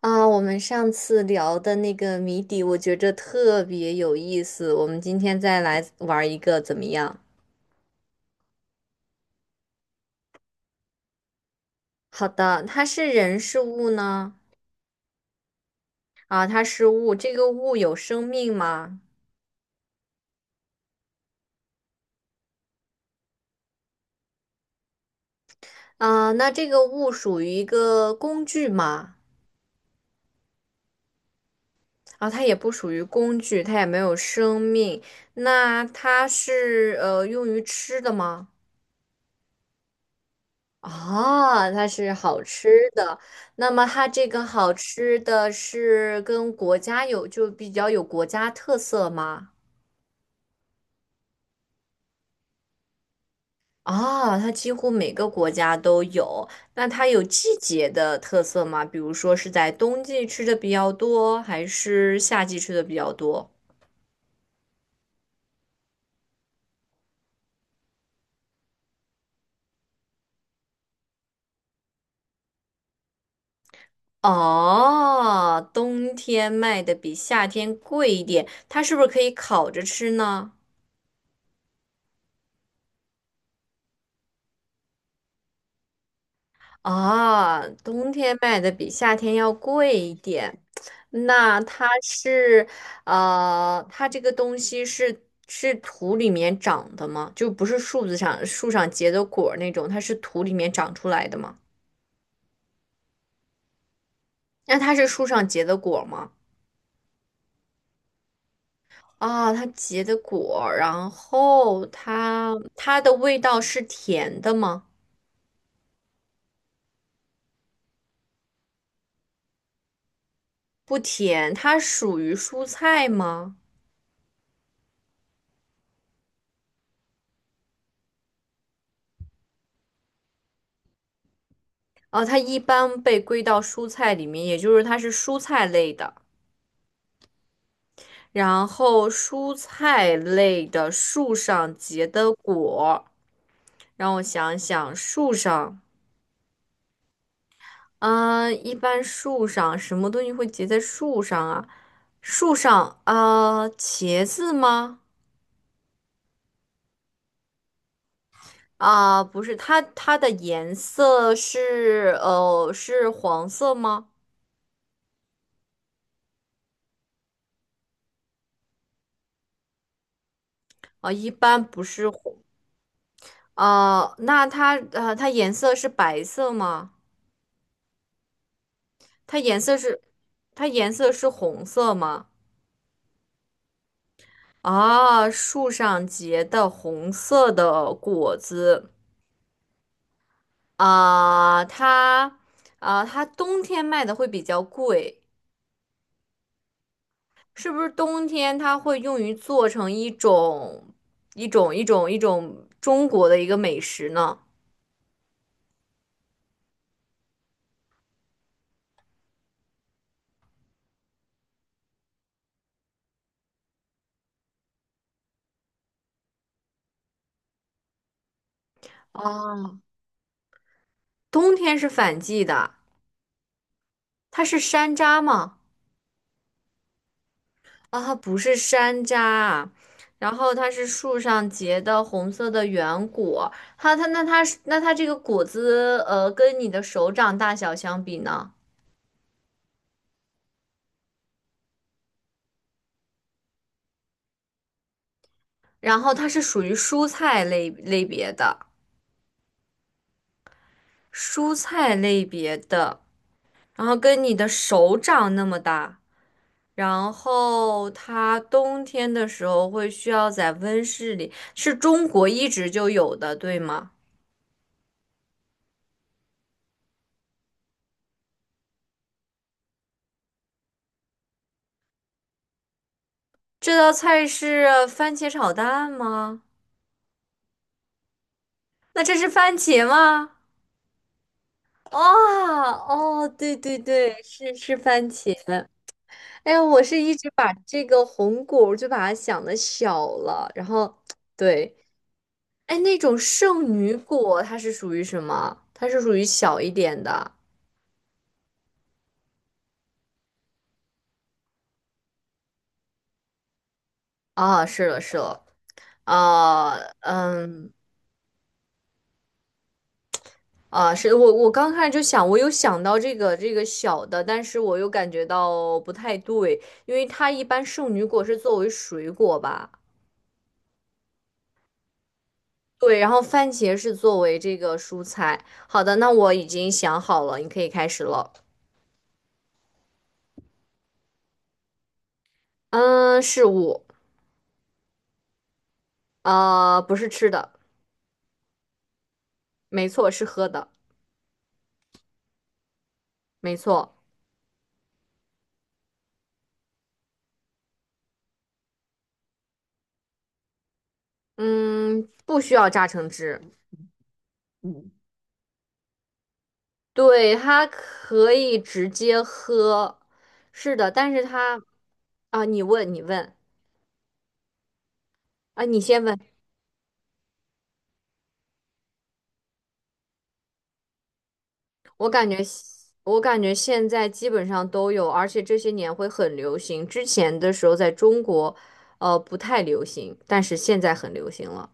我们上次聊的那个谜底，我觉着特别有意思。我们今天再来玩一个，怎么样？好的，它是人是物呢？啊，它是物，这个物有生命吗？啊，那这个物属于一个工具吗？啊，它也不属于工具，它也没有生命。那它是用于吃的吗？啊，它是好吃的。那么它这个好吃的是跟国家有，就比较有国家特色吗？啊，它几乎每个国家都有。那它有季节的特色吗？比如说是在冬季吃的比较多，还是夏季吃的比较多？哦，冬天卖的比夏天贵一点，它是不是可以烤着吃呢？啊，冬天卖的比夏天要贵一点。那它是，它这个东西是是土里面长的吗？就不是树子上树上结的果儿那种，它是土里面长出来的吗？那它是树上结的果儿吗？啊，它结的果儿，然后它的味道是甜的吗？不甜，它属于蔬菜吗？哦，它一般被归到蔬菜里面，也就是它是蔬菜类的。然后蔬菜类的树上结的果，让我想想，树上，嗯、一般树上什么东西会结在树上啊？树上，啊，茄子吗？啊、不是，它的颜色是是黄色吗？啊、一般不是黄，啊、那它它颜色是白色吗？它颜色是它颜色是红色吗？啊，树上结的红色的果子啊，它啊，它冬天卖的会比较贵，是不是冬天它会用于做成一种一种中国的一个美食呢？啊，冬天是反季的，它是山楂吗？啊，不是山楂啊。然后它是树上结的红色的圆果，它那它是那它这个果子，跟你的手掌大小相比呢？然后它是属于蔬菜类别的，蔬菜类别的，然后跟你的手掌那么大，然后它冬天的时候会需要在温室里，是中国一直就有的，对吗？这道菜是番茄炒蛋吗？那这是番茄吗？哦哦，对对对，是是番茄。哎呀，我是一直把这个红果儿就把它想的小了，然后对，哎，那种圣女果它是属于什么？它是属于小一点的啊，是了是了，啊嗯啊，是我刚开始就想，我有想到这个小的，但是我又感觉到不太对，因为它一般圣女果是作为水果吧。对，然后番茄是作为这个蔬菜。好的，那我已经想好了，你可以开始了。嗯，事物，啊，不是吃的，没错，是喝的，没错。嗯，不需要榨成汁，对，它可以直接喝。是的，但是它啊，你问，你问啊，你先问。我感觉现在基本上都有，而且这些年会很流行。之前的时候在中国，不太流行，但是现在很流行了。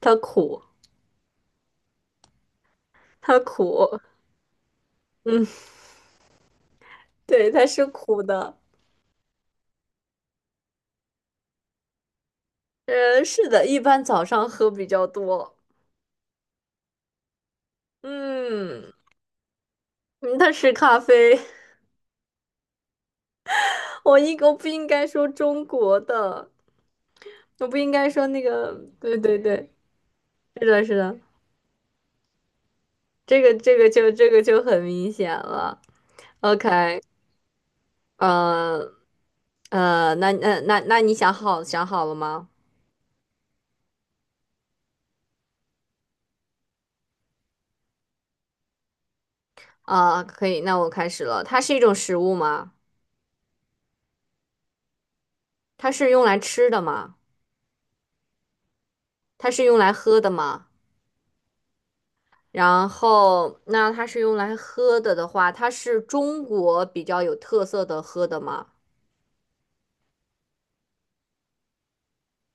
它苦，它苦 嗯，对，它是苦的。是的，一般早上喝比较多。嗯，嗯它是咖啡。我不应该说中国的，我不应该说那个。对对对，是的，是的，这个这个就这个就很明显了。OK。呃那你想好了吗？啊、可以，那我开始了。它是一种食物吗？它是用来吃的吗？它是用来喝的吗？然后，那它是用来喝的的话，它是中国比较有特色的喝的吗？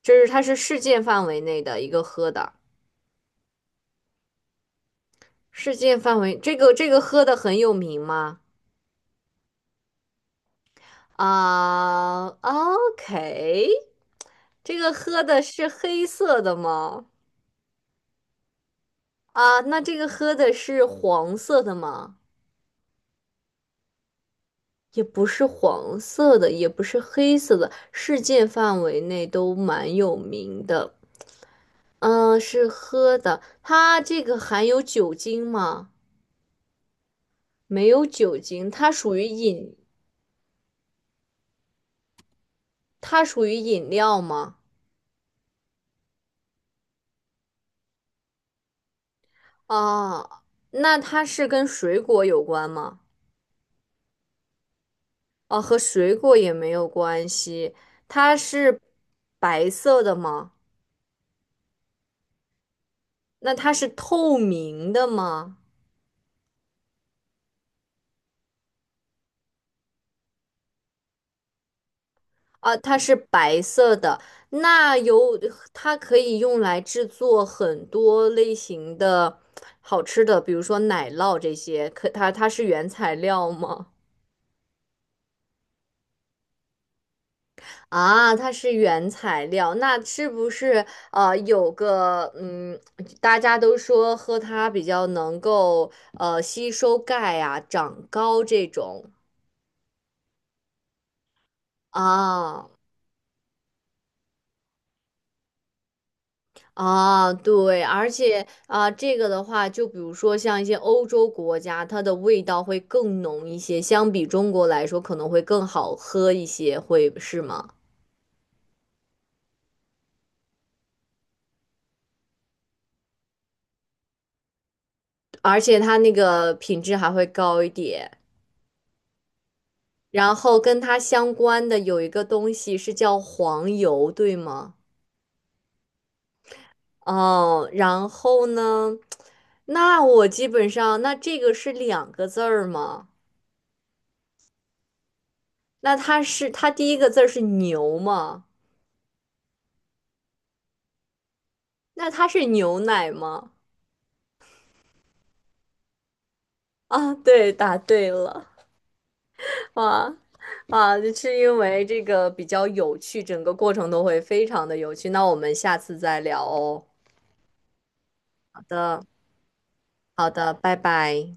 就是它是世界范围内的一个喝的，世界范围这个喝的很有名吗？啊，OK、o k。 这个喝的是黑色的吗？啊，那这个喝的是黄色的吗？也不是黄色的，也不是黑色的，世界范围内都蛮有名的。嗯，是喝的，它这个含有酒精吗？没有酒精，它属于饮，它属于饮料吗？啊，那它是跟水果有关吗？哦，和水果也没有关系。它是白色的吗？那它是透明的吗？啊，它是白色的，那有，它可以用来制作很多类型的好吃的，比如说奶酪这些。可它是原材料吗？啊，它是原材料，那是不是有个嗯，大家都说喝它比较能够吸收钙啊、长高这种啊？啊，对，而且啊，这个的话，就比如说像一些欧洲国家，它的味道会更浓一些，相比中国来说可能会更好喝一些，会是吗？而且它那个品质还会高一点。然后跟它相关的有一个东西是叫黄油，对吗？哦，然后呢，那我基本上，那这个是两个字儿吗？那它是它第一个字儿是牛吗？那它是牛奶吗？啊，对，答对了，哇啊，就是因为这个比较有趣，整个过程都会非常的有趣。那我们下次再聊哦。好的，好的，拜拜。